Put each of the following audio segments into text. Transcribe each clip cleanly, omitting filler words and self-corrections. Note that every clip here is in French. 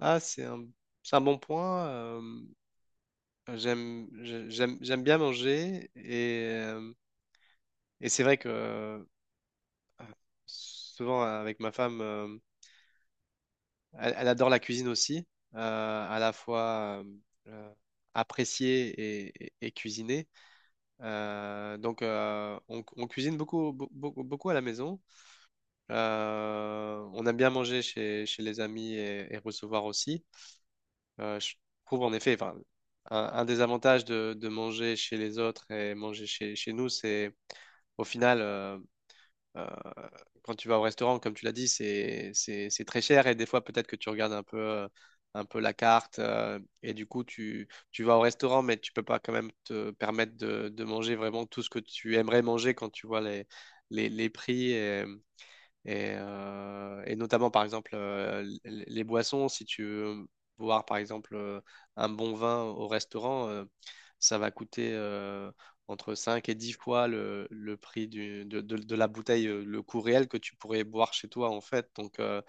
Ah, c'est un bon point. J'aime bien manger et et c'est vrai que souvent avec ma femme, elle, elle adore la cuisine aussi, euh, à la fois euh, apprécier et cuisiner. Donc on cuisine beaucoup, beaucoup, beaucoup à la maison. On aime bien manger chez, chez les amis et recevoir aussi. Je trouve en effet, enfin, un des avantages de manger chez les autres et manger chez, chez nous, c'est au final, euh, quand tu vas au restaurant, comme tu l'as dit, c'est très cher et des fois peut-être que tu regardes un peu la carte et du coup tu, tu vas au restaurant, mais tu peux pas quand même te permettre de manger vraiment tout ce que tu aimerais manger quand tu vois les prix. Et notamment, par exemple, les boissons, si tu veux boire, par exemple, un bon vin au restaurant, ça va coûter entre 5 et 10 fois le prix de la bouteille, le coût réel que tu pourrais boire chez toi, en fait. Donc,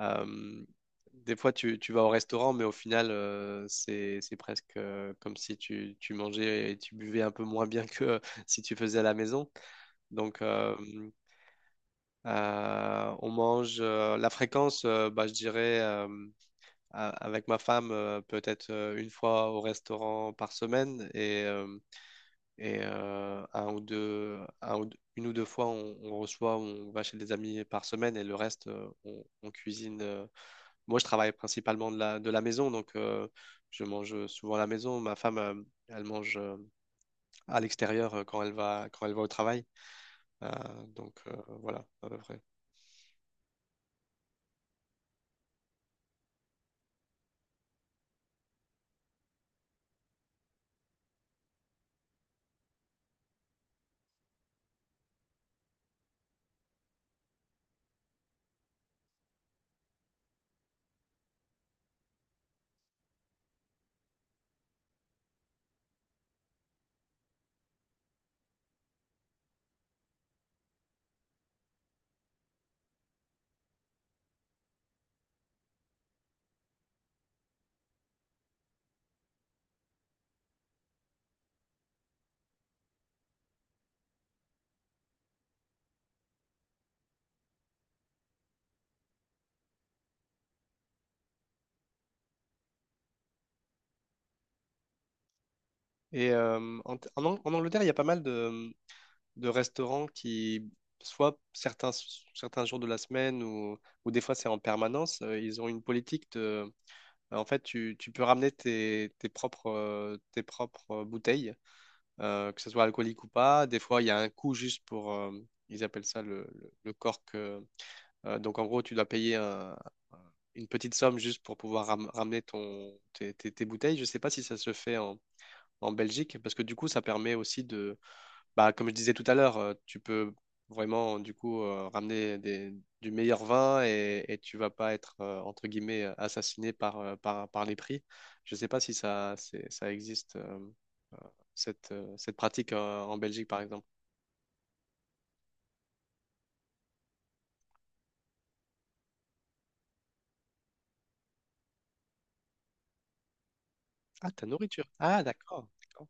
euh, des fois, tu vas au restaurant, mais au final, c'est presque comme si tu, tu mangeais et tu buvais un peu moins bien que si tu faisais à la maison. Donc, on mange la fréquence, bah, je dirais avec ma femme peut-être une fois au restaurant par semaine et une ou deux fois on reçoit, on va chez des amis par semaine et le reste on cuisine. Moi je travaille principalement de la maison donc je mange souvent à la maison. Ma femme elle mange à l'extérieur quand elle va au travail. Euh, donc, voilà à peu près. Et euh, En en Angleterre, il y a pas mal de restaurants qui, soit certains, certains jours de la semaine ou des fois c'est en permanence, ils ont une politique de... bah, en fait, tu peux ramener tes propres bouteilles, que ce soit alcoolique ou pas. Des fois, il y a un coût juste pour... ils appellent ça le cork. Donc, en gros, tu dois une petite somme juste pour pouvoir ramener tes bouteilles. Je ne sais pas si ça se fait en Belgique, parce que du coup, ça permet aussi de bah, comme je disais tout à l'heure, tu peux vraiment du coup du meilleur vin et tu vas pas être entre guillemets assassiné par, par les prix. Je sais pas si ça, ça existe cette, cette pratique en Belgique par exemple. Ah, ta nourriture. Ah, d'accord. D'accord.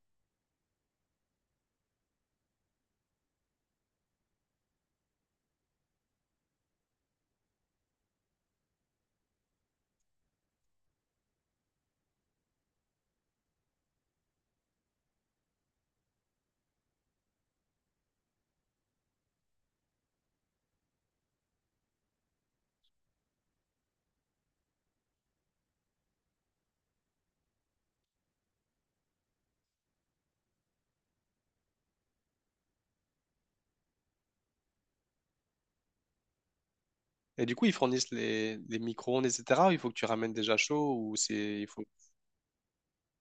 Et du coup, ils fournissent les micro-ondes, etc. ou il faut que tu ramènes déjà chaud ou c'est il faut.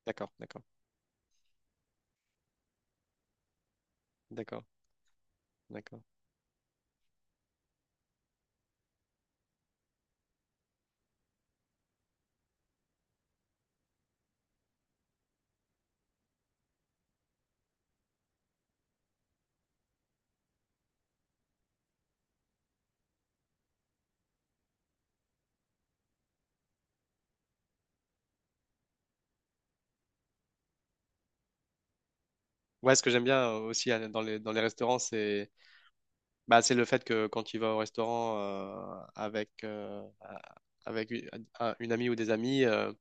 D'accord, d'accord, d'accord, d'accord. Ouais, ce que j'aime bien aussi dans les restaurants, c'est bah, c'est le fait que quand tu vas au restaurant avec une amie ou des amis, euh,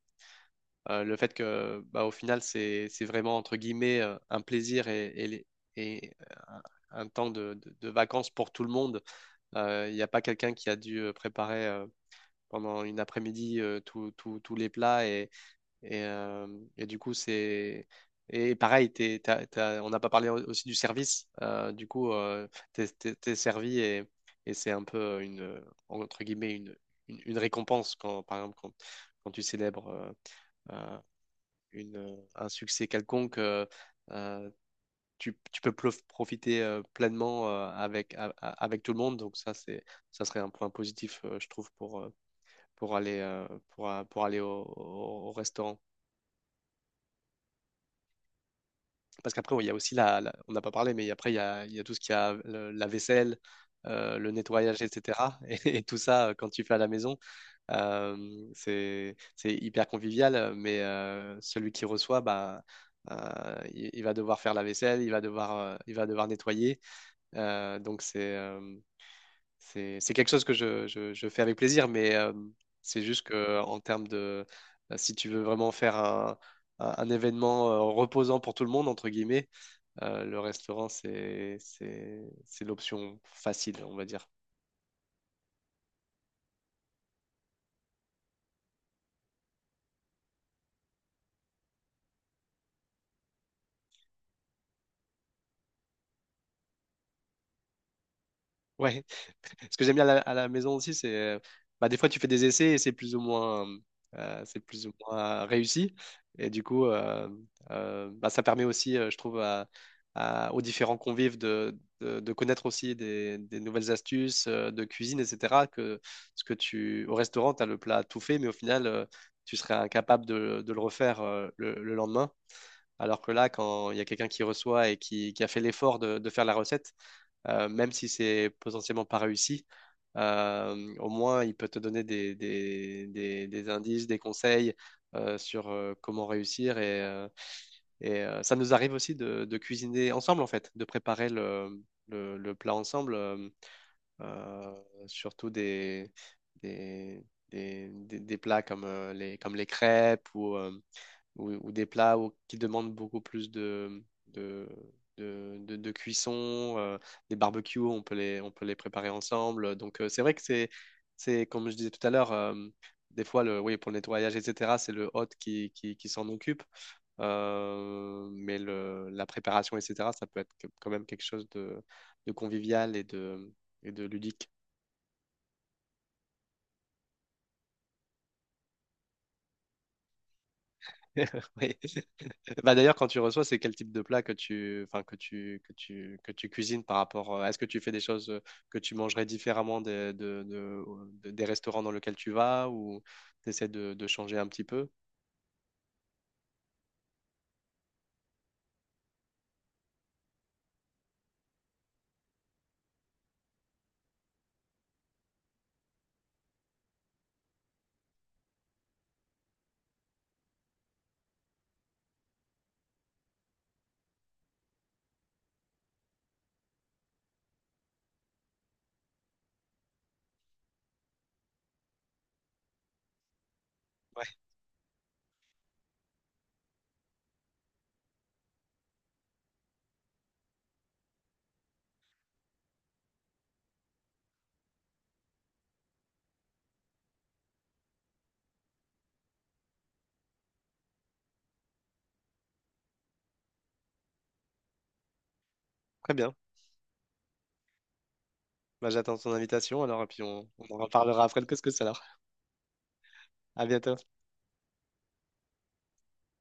euh, le fait que bah, au final, c'est vraiment entre guillemets un plaisir et un temps de vacances pour tout le monde. Il n'y a pas quelqu'un qui a dû préparer pendant une après-midi tous les plats et, euh, et du coup, c'est. Et pareil, on n'a pas parlé aussi du service. Du coup, t'es servi et c'est un peu une, entre guillemets, une récompense quand, par exemple, quand, quand tu célèbres euh, un succès quelconque, euh, tu, profiter pleinement avec tout le monde. Donc ça, c'est, ça serait un point positif, je trouve, pour aller, pour aller au restaurant. Parce qu'après, oui, il y a aussi on n'a pas parlé, mais après, il y a tout ce qu'il y a, la vaisselle, le nettoyage, etc. Et tout ça, quand tu fais à la maison, euh, c'est hyper convivial, mais celui qui reçoit, bah, il va devoir faire la vaisselle, il va devoir nettoyer. Donc, c'est, c'est quelque chose que je fais avec plaisir, mais c'est juste que en termes de, si tu veux vraiment faire un événement reposant pour tout le monde, entre guillemets, le restaurant, c'est l'option facile, on va dire. Ouais. Ce que j'aime bien à la maison aussi, c'est, bah, des fois, tu fais des essais et c'est plus ou moins, c'est plus ou moins réussi. Et du coup, bah, ça permet aussi, je trouve, aux différents convives de connaître aussi des nouvelles astuces de cuisine, etc. Que ce que tu, au restaurant, tu as le plat tout fait, mais au final, tu serais incapable de le refaire le lendemain. Alors que là, quand il y a quelqu'un qui reçoit et qui a fait l'effort de faire la recette, même si c'est potentiellement pas réussi, au moins il peut te donner des indices, des conseils sur comment réussir. Et ça nous arrive aussi de cuisiner ensemble, en fait, de préparer le plat ensemble, euh, surtout des, des plats comme, les, comme les crêpes ou des plats qui demandent beaucoup plus de, de cuisson, des barbecues, on peut les préparer ensemble. Donc c'est vrai que c'est, comme je disais tout à l'heure, des fois, le, oui, pour le nettoyage, etc., c'est le hôte qui s'en occupe. Mais le, la préparation, etc., ça peut être quand même quelque chose de convivial et de ludique. Oui. Bah d'ailleurs, quand tu reçois, c'est quel type de plat que tu, enfin, que tu cuisines par rapport. Est-ce que tu fais des choses que tu mangerais différemment des, de- des restaurants dans lesquels tu vas ou tu essaies de changer un petit peu? Ouais, très bien. Bah, j'attends ton invitation alors et puis on en reparlera après le couscous alors. À bientôt.